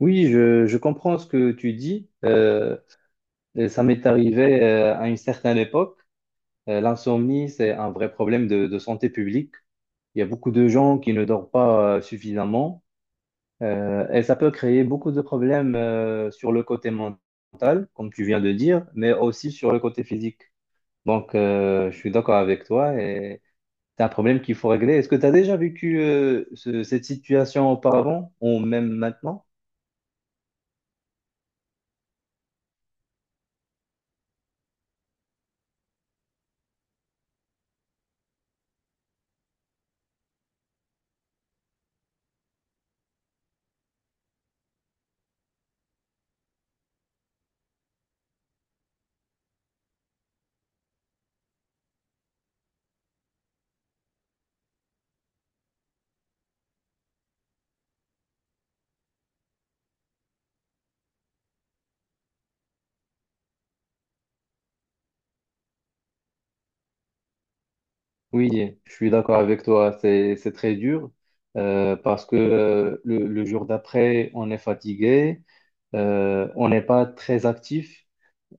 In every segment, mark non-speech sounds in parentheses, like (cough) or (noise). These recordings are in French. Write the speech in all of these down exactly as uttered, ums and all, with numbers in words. Oui, je, je comprends ce que tu dis. Euh, ça m'est arrivé euh, à une certaine époque. Euh, l'insomnie, c'est un vrai problème de, de santé publique. Il y a beaucoup de gens qui ne dorment pas euh, suffisamment euh, et ça peut créer beaucoup de problèmes euh, sur le côté mental, comme tu viens de dire, mais aussi sur le côté physique. Donc, euh, je suis d'accord avec toi et c'est un problème qu'il faut régler. Est-ce que tu as déjà vécu euh, ce- cette situation auparavant ou même maintenant? Oui, je suis d'accord avec toi, c'est c'est très dur euh, parce que euh, le, le jour d'après, on est fatigué, euh, on n'est pas très actif,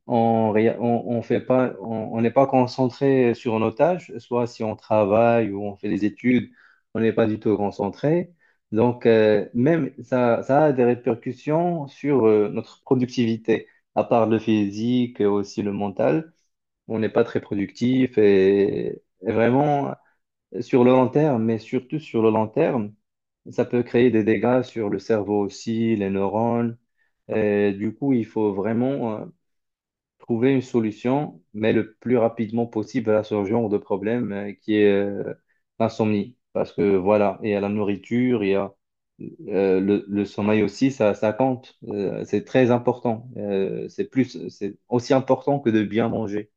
on ré- on, on fait pas, on on n'est pas concentré sur nos tâches, soit si on travaille ou on fait des études, on n'est pas du tout concentré. Donc euh, même ça, ça a des répercussions sur euh, notre productivité, à part le physique, aussi le mental, on n'est pas très productif et et vraiment sur le long terme, mais surtout sur le long terme, ça peut créer des dégâts sur le cerveau aussi, les neurones. Et du coup, il faut vraiment euh, trouver une solution, mais le plus rapidement possible à ce genre de problème euh, qui est euh, l'insomnie. Parce que voilà, il y a la nourriture, il y a euh, le, le sommeil aussi, ça, ça compte. Euh, c'est très important. Euh, c'est plus, c'est aussi important que de bien manger.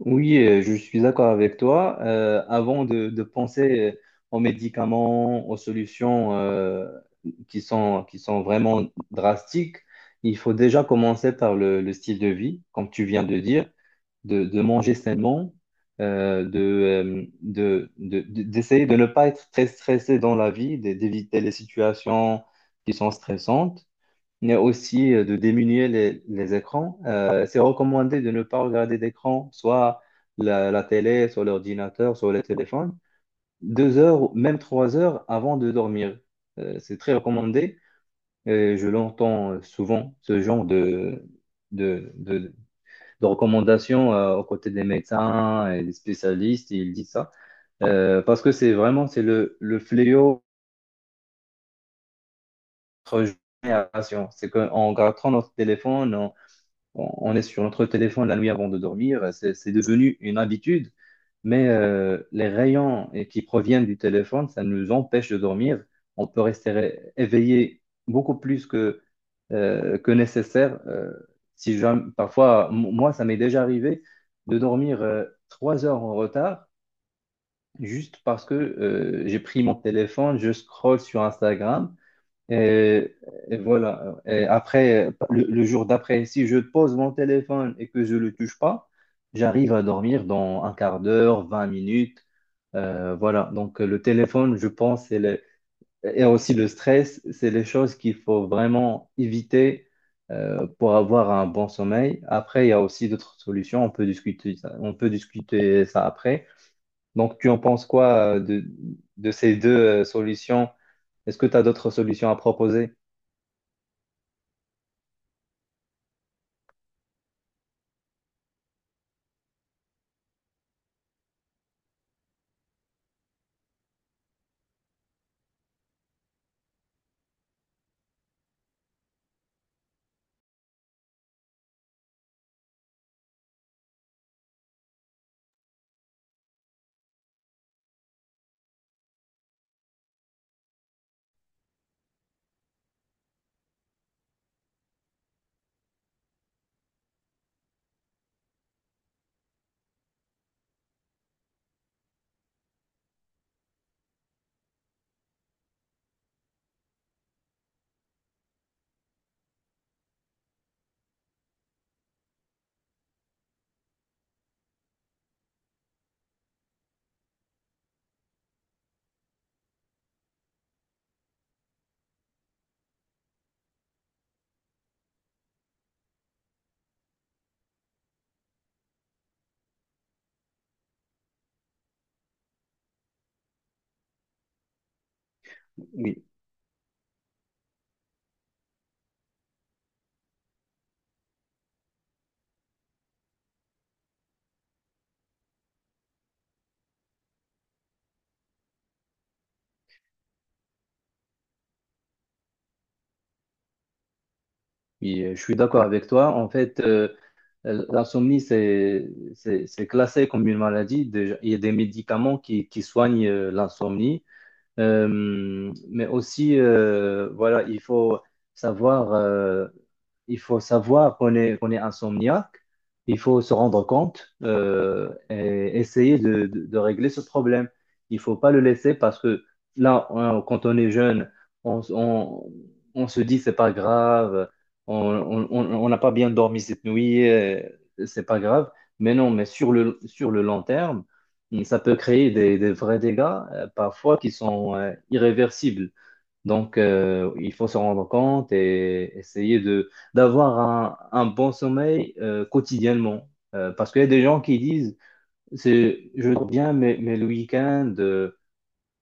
Oui, euh, je suis d'accord avec toi. Euh, avant de, de penser euh, aux médicaments, aux solutions euh, qui sont, qui sont vraiment drastiques, il faut déjà commencer par le, le style de vie, comme tu viens de dire, de, de manger sainement, euh, de, euh, de, de- de- d'essayer de ne pas être très stressé dans la vie, d'é- d'éviter les situations qui sont stressantes mais aussi euh, de diminuer les, les écrans. Euh, c'est recommandé de ne pas regarder d'écran, soit la, la télé, soit l'ordinateur, soit le téléphone, deux heures, même trois heures avant de dormir. Euh, c'est très recommandé. Et je l'entends euh, souvent, ce genre de, de, de, de recommandations euh, aux côtés des médecins et des spécialistes, ils disent ça. Euh, parce que c'est vraiment, c'est le, le fléau de notre génération. C'est qu'en regardant notre téléphone, on on est sur notre téléphone la nuit avant de dormir, c'est c'est devenu une habitude, mais euh, les rayons eh, qui proviennent du téléphone, ça nous empêche de dormir. On peut rester ré- éveillé beaucoup plus que, euh, que nécessaire. Euh, si jamais- Parfois, m- moi, ça m'est déjà arrivé de dormir euh, trois heures en retard juste parce que euh, j'ai pris mon téléphone, je scrolle sur Instagram. Et, et voilà. Et après, le, le jour d'après, si je pose mon téléphone et que je ne le touche pas, j'arrive à dormir dans un quart d'heure, vingt minutes. Euh, voilà. Donc, le téléphone, je pense, c'est le- et aussi le stress, c'est les choses qu'il faut vraiment éviter euh, pour avoir un bon sommeil. Après, il y a aussi d'autres solutions. On peut discuter ça, on peut discuter ça après. Donc, tu en penses quoi euh, de, de ces deux euh, solutions? Est-ce que tu as d'autres solutions à proposer? Oui. Oui, euh, je suis d'accord avec toi. En fait, euh, euh, l'insomnie, c'est, c'est, c'est classé comme une maladie. Déjà, il y a des médicaments qui, qui soignent euh, l'insomnie. Euh, mais aussi, euh, voilà, il faut savoir, euh, il faut savoir qu'on est, qu'on est insomniaque. Il faut se rendre compte euh, et essayer de, de- de régler ce problème. Il faut pas le laisser parce que là, on- quand on est jeune, on, on, on se dit c'est pas grave, on on- on- on n'a pas bien dormi cette nuit, euh, c'est pas grave. Mais non, mais sur le, sur le long terme. Et ça peut créer des, des vrais dégâts, euh, parfois qui sont euh, irréversibles. Donc, euh, il faut se rendre compte et essayer de d'avoir un, un bon sommeil euh, quotidiennement. Euh, parce qu'il y a des gens qui disent, c'est, je dors bien, mais, mais le week-end, euh,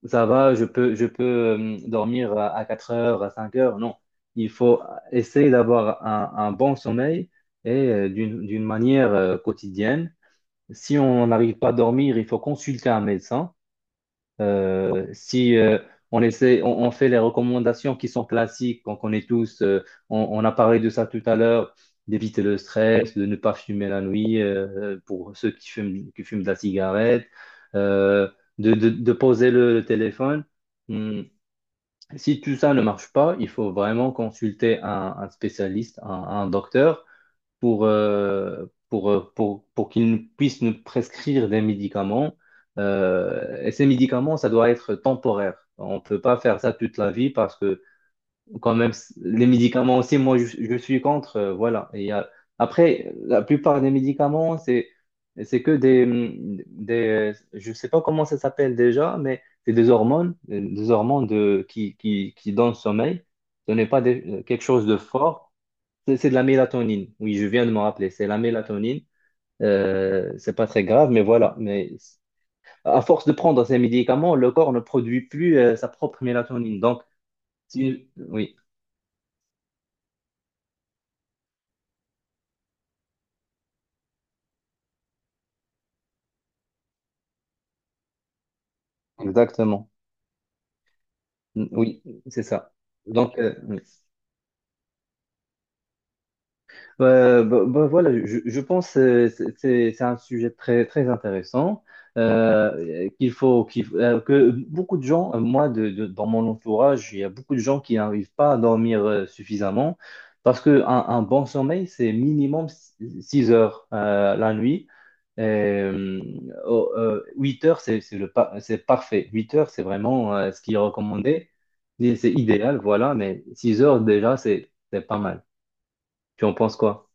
ça va, je peux, je peux euh, dormir à, à quatre heures, à cinq heures. Non, il faut essayer d'avoir un, un bon sommeil et euh, d'une, d'une manière euh, quotidienne. Si on n'arrive pas à dormir, il faut consulter un médecin euh, si euh, on essaie, on, on fait les recommandations qui sont classiques, qu'on connaît tous, euh, on, on a parlé de ça tout à l'heure, d'éviter le stress, de ne pas fumer la nuit euh, pour ceux qui fument, qui fument de la cigarette, euh, de, de- de poser le, le téléphone. Hum, Si tout ça ne marche pas, il faut vraiment consulter un, un spécialiste, un, un docteur pour, euh, pour, euh, pour, pour qu'ils nous- puissent nous prescrire des médicaments. Euh, et ces médicaments, ça doit être temporaire. On ne peut pas faire ça toute la vie parce que quand même, c- les médicaments aussi, moi, je, je suis contre. Euh, voilà. Et il y a- après, la plupart des médicaments, c'est, c'est que des, des, je sais pas comment ça s'appelle déjà, mais c'est des hormones, euh, des hormones de, qui, qui, qui donnent le sommeil. Ce n'est pas des- quelque chose de fort. C'est c'est de la mélatonine. Oui, je viens de me rappeler. C'est la mélatonine. Euh, c'est pas très grave, mais voilà. Mais à force de prendre ces médicaments, le corps ne produit plus euh, sa propre mélatonine. Donc, si- oui, exactement. Oui, c'est ça. Donc, euh, oui. Bah, bah, bah, voilà, je, je pense que c'est c'est- c'est un sujet très, très intéressant euh, qu'il faut, qu'il faut- euh, que beaucoup de gens, euh, moi de, de- dans mon entourage, il y a beaucoup de gens qui n'arrivent pas à dormir euh, suffisamment parce que un, un bon sommeil, c'est minimum six heures euh, la nuit. Et, euh, oh, euh, huit heures, c'est c'est le pa- c'est parfait. Huit heures, c'est vraiment euh, ce qui est recommandé. C'est c'est idéal, voilà, mais six heures déjà, c'est c'est pas mal. Tu en penses quoi?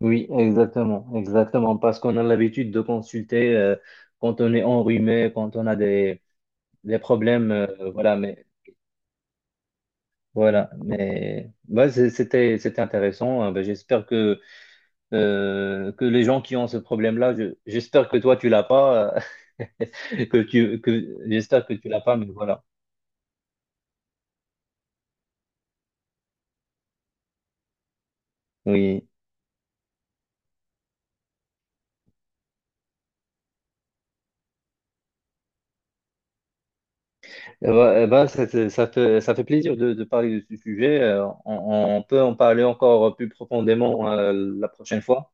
Oui, exactement, exactement, parce qu'on a l'habitude de consulter euh, quand on est enrhumé, quand on a des, des problèmes, euh, voilà, mais voilà, mais bah, c'est- c'était c'était intéressant. Hein. Bah, j'espère que euh, que les gens qui ont ce problème-là, je- j'espère que toi tu l'as pas, euh, (laughs) que tu que j'espère que tu l'as pas, mais voilà, oui. Eh ben, eh ben, ça, ça- ça fait, ça fait plaisir de, de parler de ce sujet. Euh, on, on peut en parler encore plus profondément euh, la prochaine fois.